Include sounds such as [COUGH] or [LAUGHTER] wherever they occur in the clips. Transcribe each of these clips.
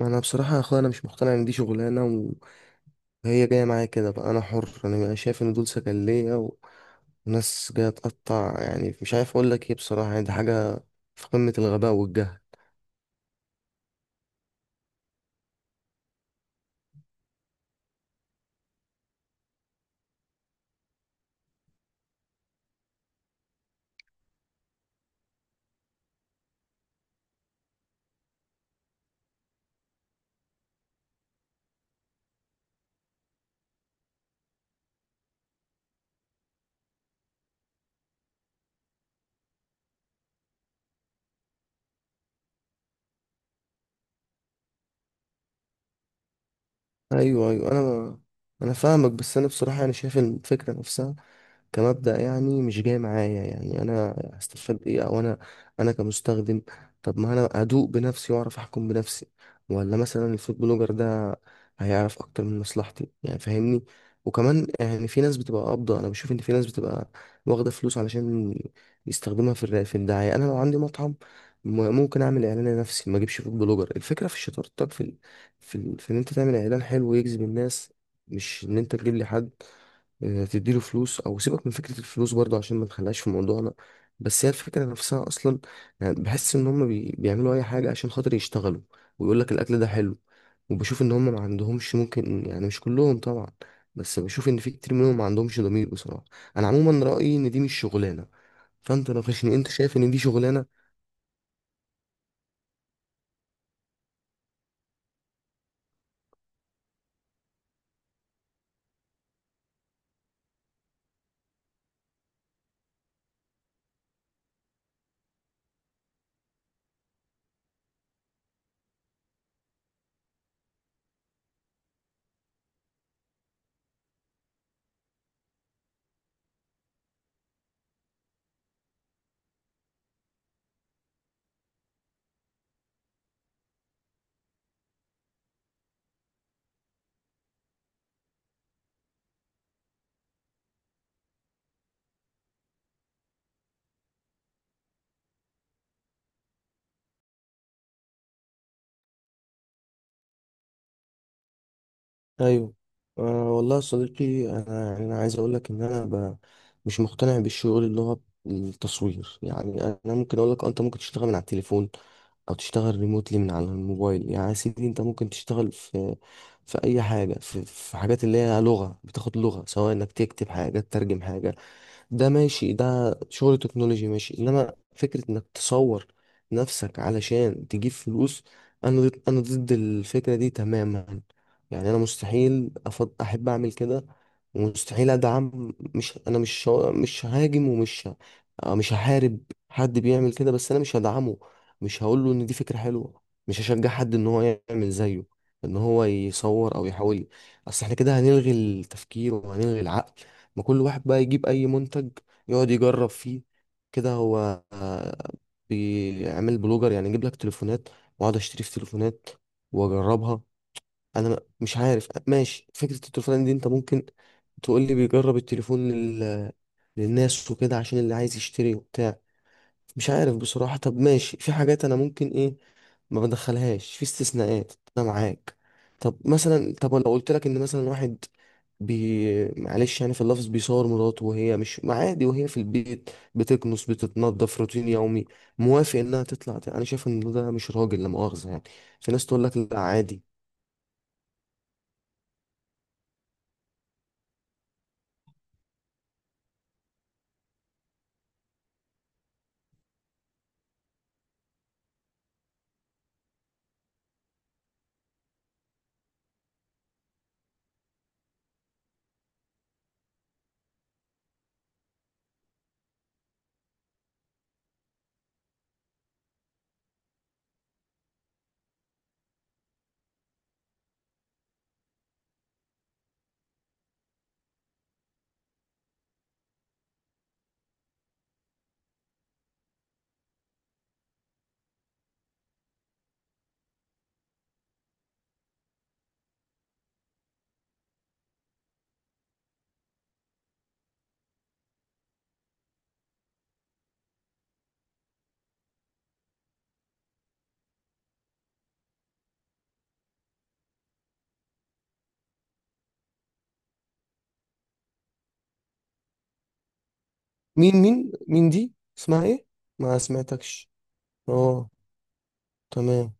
ما انا بصراحه يا اخويا انا مش مقتنع ان دي شغلانه. وهي جايه معايا كده. بقى انا حر، انا شايف ان دول سجليه وناس جايه تقطع. يعني مش عارف اقول لك ايه بصراحه، يعني دي حاجه في قمه الغباء والجهل. ايوه، انا فاهمك، بس انا بصراحه انا شايف الفكره نفسها كمبدأ، يعني مش جاي معايا. يعني انا هستفاد ايه؟ او انا كمستخدم؟ طب ما انا ادوق بنفسي واعرف احكم بنفسي، ولا مثلا الفود بلوجر ده هيعرف اكتر من مصلحتي؟ يعني فاهمني. وكمان يعني في ناس بتبقى قابضة، انا بشوف ان في ناس بتبقى واخدة فلوس علشان يستخدمها في الدعاية. انا لو عندي مطعم، ممكن اعمل اعلان لنفسي، ما اجيبش فود بلوجر. الفكرة في شطارتك، في ان انت تعمل اعلان حلو ويجذب الناس، مش ان انت تجيب لي حد تديله فلوس. او سيبك من فكره الفلوس برضو عشان ما نخليهاش في موضوعنا، بس هي الفكره نفسها اصلا. يعني بحس ان هم بيعملوا اي حاجه عشان خاطر يشتغلوا ويقول لك الاكل ده حلو. وبشوف ان هم ما عندهمش، ممكن يعني مش كلهم طبعا، بس بشوف ان في كتير منهم ما عندهمش ضمير بصراحه. انا عموما رايي ان دي مش شغلانه. فانت ناقشني، انت شايف ان دي شغلانه؟ ايوه، أه والله يا صديقي، انا يعني انا عايز اقول لك ان انا مش مقتنع بالشغل اللي هو التصوير. يعني انا ممكن اقول لك انت ممكن تشتغل من على التليفون، او تشتغل ريموتلي من على الموبايل. يعني يا سيدي انت ممكن تشتغل في اي حاجه، في حاجات اللي هي لغه، بتاخد لغه، سواء انك تكتب حاجه، تترجم حاجه. ده ماشي، ده شغل تكنولوجي ماشي. انما فكرة انك تصور نفسك علشان تجيب فلوس، انا ضد الفكرة دي تماما. يعني انا مستحيل احب اعمل كده، ومستحيل ادعم. مش هاجم ومش ه- آه، مش هحارب حد بيعمل كده، بس انا مش هدعمه. مش هقول له ان دي فكرة حلوة. مش هشجع حد ان هو يعمل زيه، ان هو يصور او يحاول. اصل احنا كده هنلغي التفكير وهنلغي العقل. ما كل واحد بقى يجيب اي منتج يقعد يجرب فيه. كده هو بيعمل بلوجر. يعني يجيب لك تليفونات واقعد اشتري في تليفونات واجربها؟ انا م- مش عارف. ماشي، فكرة التليفونات دي انت ممكن تقول لي بيجرب التليفون للناس وكده، عشان اللي عايز يشتري وبتاع. مش عارف بصراحة. طب ماشي، في حاجات انا ممكن ايه ما بدخلهاش في استثناءات، انا معاك. طب مثلا، طب لو قلت لك ان مثلا واحد بي معلش يعني في اللفظ، بيصور مراته وهي مش ما عادي، وهي في البيت بتكنس بتتنضف، روتين يومي، موافق انها تطلع. انا شايف ان ده مش راجل لا مؤاخذة يعني. في ناس تقول لك لا عادي. مين دي؟ اسمها ايه؟ ما سمعتكش. اه، تمام.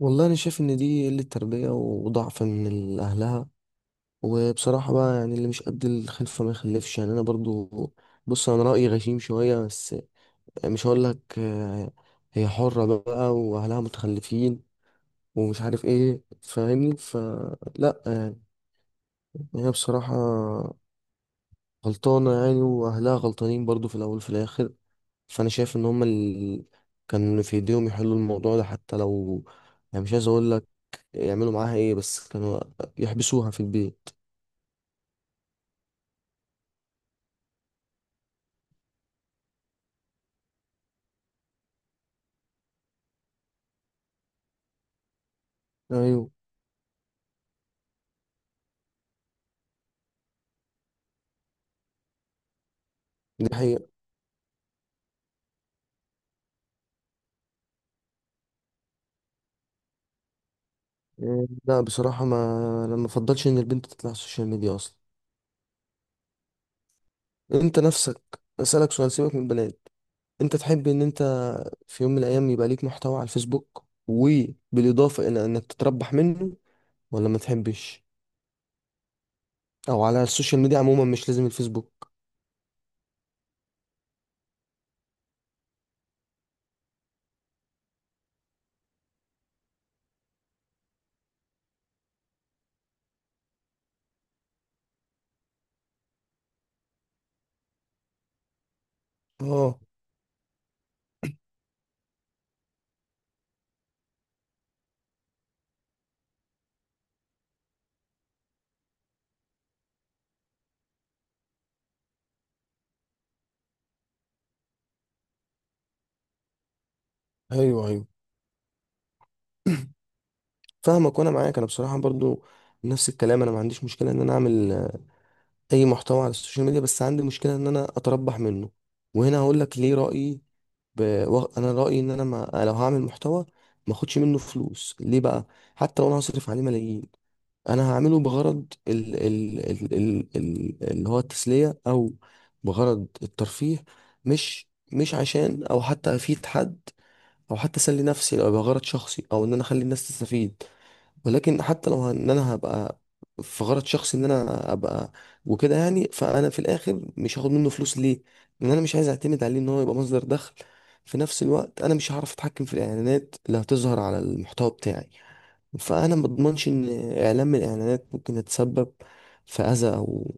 والله انا شايف ان دي قلة تربية وضعف من اهلها. وبصراحة بقى يعني اللي مش قد الخلفة ما يخلفش. يعني أنا برضو، بص أنا رأيي غشيم شوية، بس مش هقول لك هي حرة بقى وأهلها متخلفين ومش عارف إيه. فاهمني؟ فلا يعني هي بصراحة غلطانة، يعني وأهلها غلطانين برضو في الأول وفي الآخر. فأنا شايف إن هما اللي كان في إيديهم يحلوا الموضوع ده. حتى لو يعني مش عايز أقول لك يعملوا معاها إيه، بس كانوا يحبسوها في البيت. أيوه، دي حقيقة. إيه، لا بصراحة ما، لما بفضلش ان البنت تطلع على السوشيال ميديا اصلا. انت نفسك اسألك سؤال، سيبك من البنات، انت تحب ان انت في يوم من الايام يبقى ليك محتوى على الفيسبوك وبالاضافة الى انك تتربح منه، ولا ما تحبش؟ او على السوشيال ميديا عموما، مش لازم الفيسبوك. اه، ايوه، فاهمك وانا معاك. انا بصراحة برضو نفس الكلام، انا ما عنديش مشكلة ان انا اعمل اي محتوى على السوشيال ميديا، بس عندي مشكله ان انا اتربح منه. وهنا هقول لك ليه رايي. ب... انا رايي ان انا ما... لو هعمل محتوى ما اخدش منه فلوس. ليه بقى؟ حتى لو انا هصرف عليه ملايين، انا هعمله بغرض اللي هو التسليه، او بغرض الترفيه. مش مش عشان، او حتى افيد حد، او حتى اسلي نفسي. لو يبقى غرض شخصي، او ان انا اخلي الناس تستفيد. ولكن حتى لو ان انا هبقى في غرض شخصي ان انا ابقى وكده يعني، فانا في الاخر مش هاخد منه فلوس. ليه؟ لان انا مش عايز اعتمد عليه ان هو يبقى مصدر دخل. في نفس الوقت انا مش هعرف اتحكم في الاعلانات اللي هتظهر على المحتوى بتاعي، فانا ما اضمنش ان اعلان من الاعلانات ممكن يتسبب في اذى او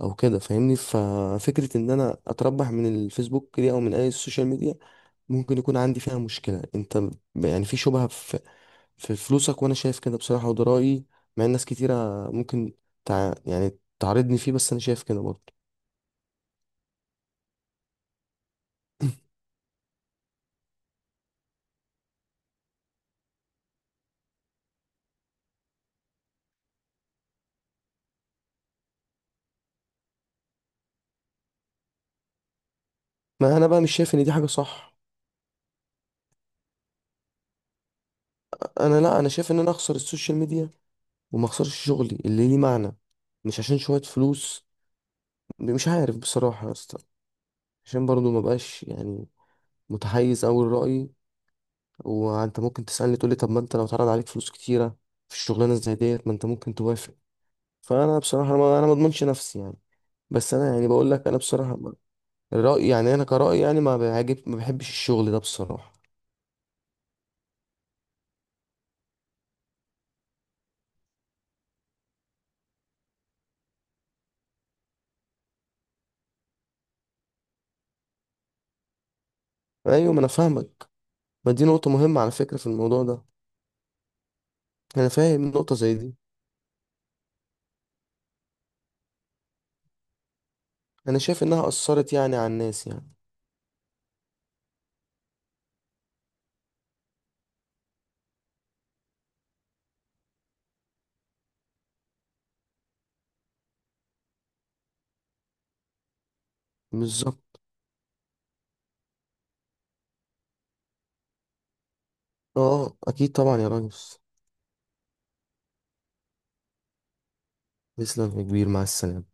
او كده. فاهمني؟ ففكرة ان انا اتربح من الفيسبوك دي او من اي سوشيال ميديا ممكن يكون عندي فيها مشكلة. انت يعني في شبهة في فلوسك، وانا شايف كده بصراحة، وده رأيي. مع ان ناس كتيرة ممكن يعني تعارضني فيه، بس انا شايف كده برضه. [LAUGHS] [CLEARS THROAT] ما انا بقى مش شايف ان دي حاجة صح. انا، لا انا شايف ان انا اخسر السوشيال ميديا وما اخسرش شغلي اللي ليه معنى، مش عشان شوية فلوس. مش عارف بصراحة يا اسطى، عشان برضه ما بقاش يعني متحيز اوي لرأيي. وانت ممكن تسألني تقولي طب ما انت لو اتعرض عليك فلوس كتيرة في الشغلانة زي ديت ما انت ممكن توافق؟ فانا بصراحه، ما انا ما اضمنش نفسي يعني. بس انا يعني بقول لك انا بصراحه رايي يعني انا كرايي، يعني ما بيعجب، ما بحبش الشغل ده بصراحه. ايوه ما انا فاهمك. ما دي نقطه مهمه على فكره في الموضوع ده. انا فاهم نقطه زي دي. انا شايف انها اثرت يعني على الناس يعني. بالظبط. اه اكيد طبعا يا ريس. تسلم يا كبير، مع السلامه.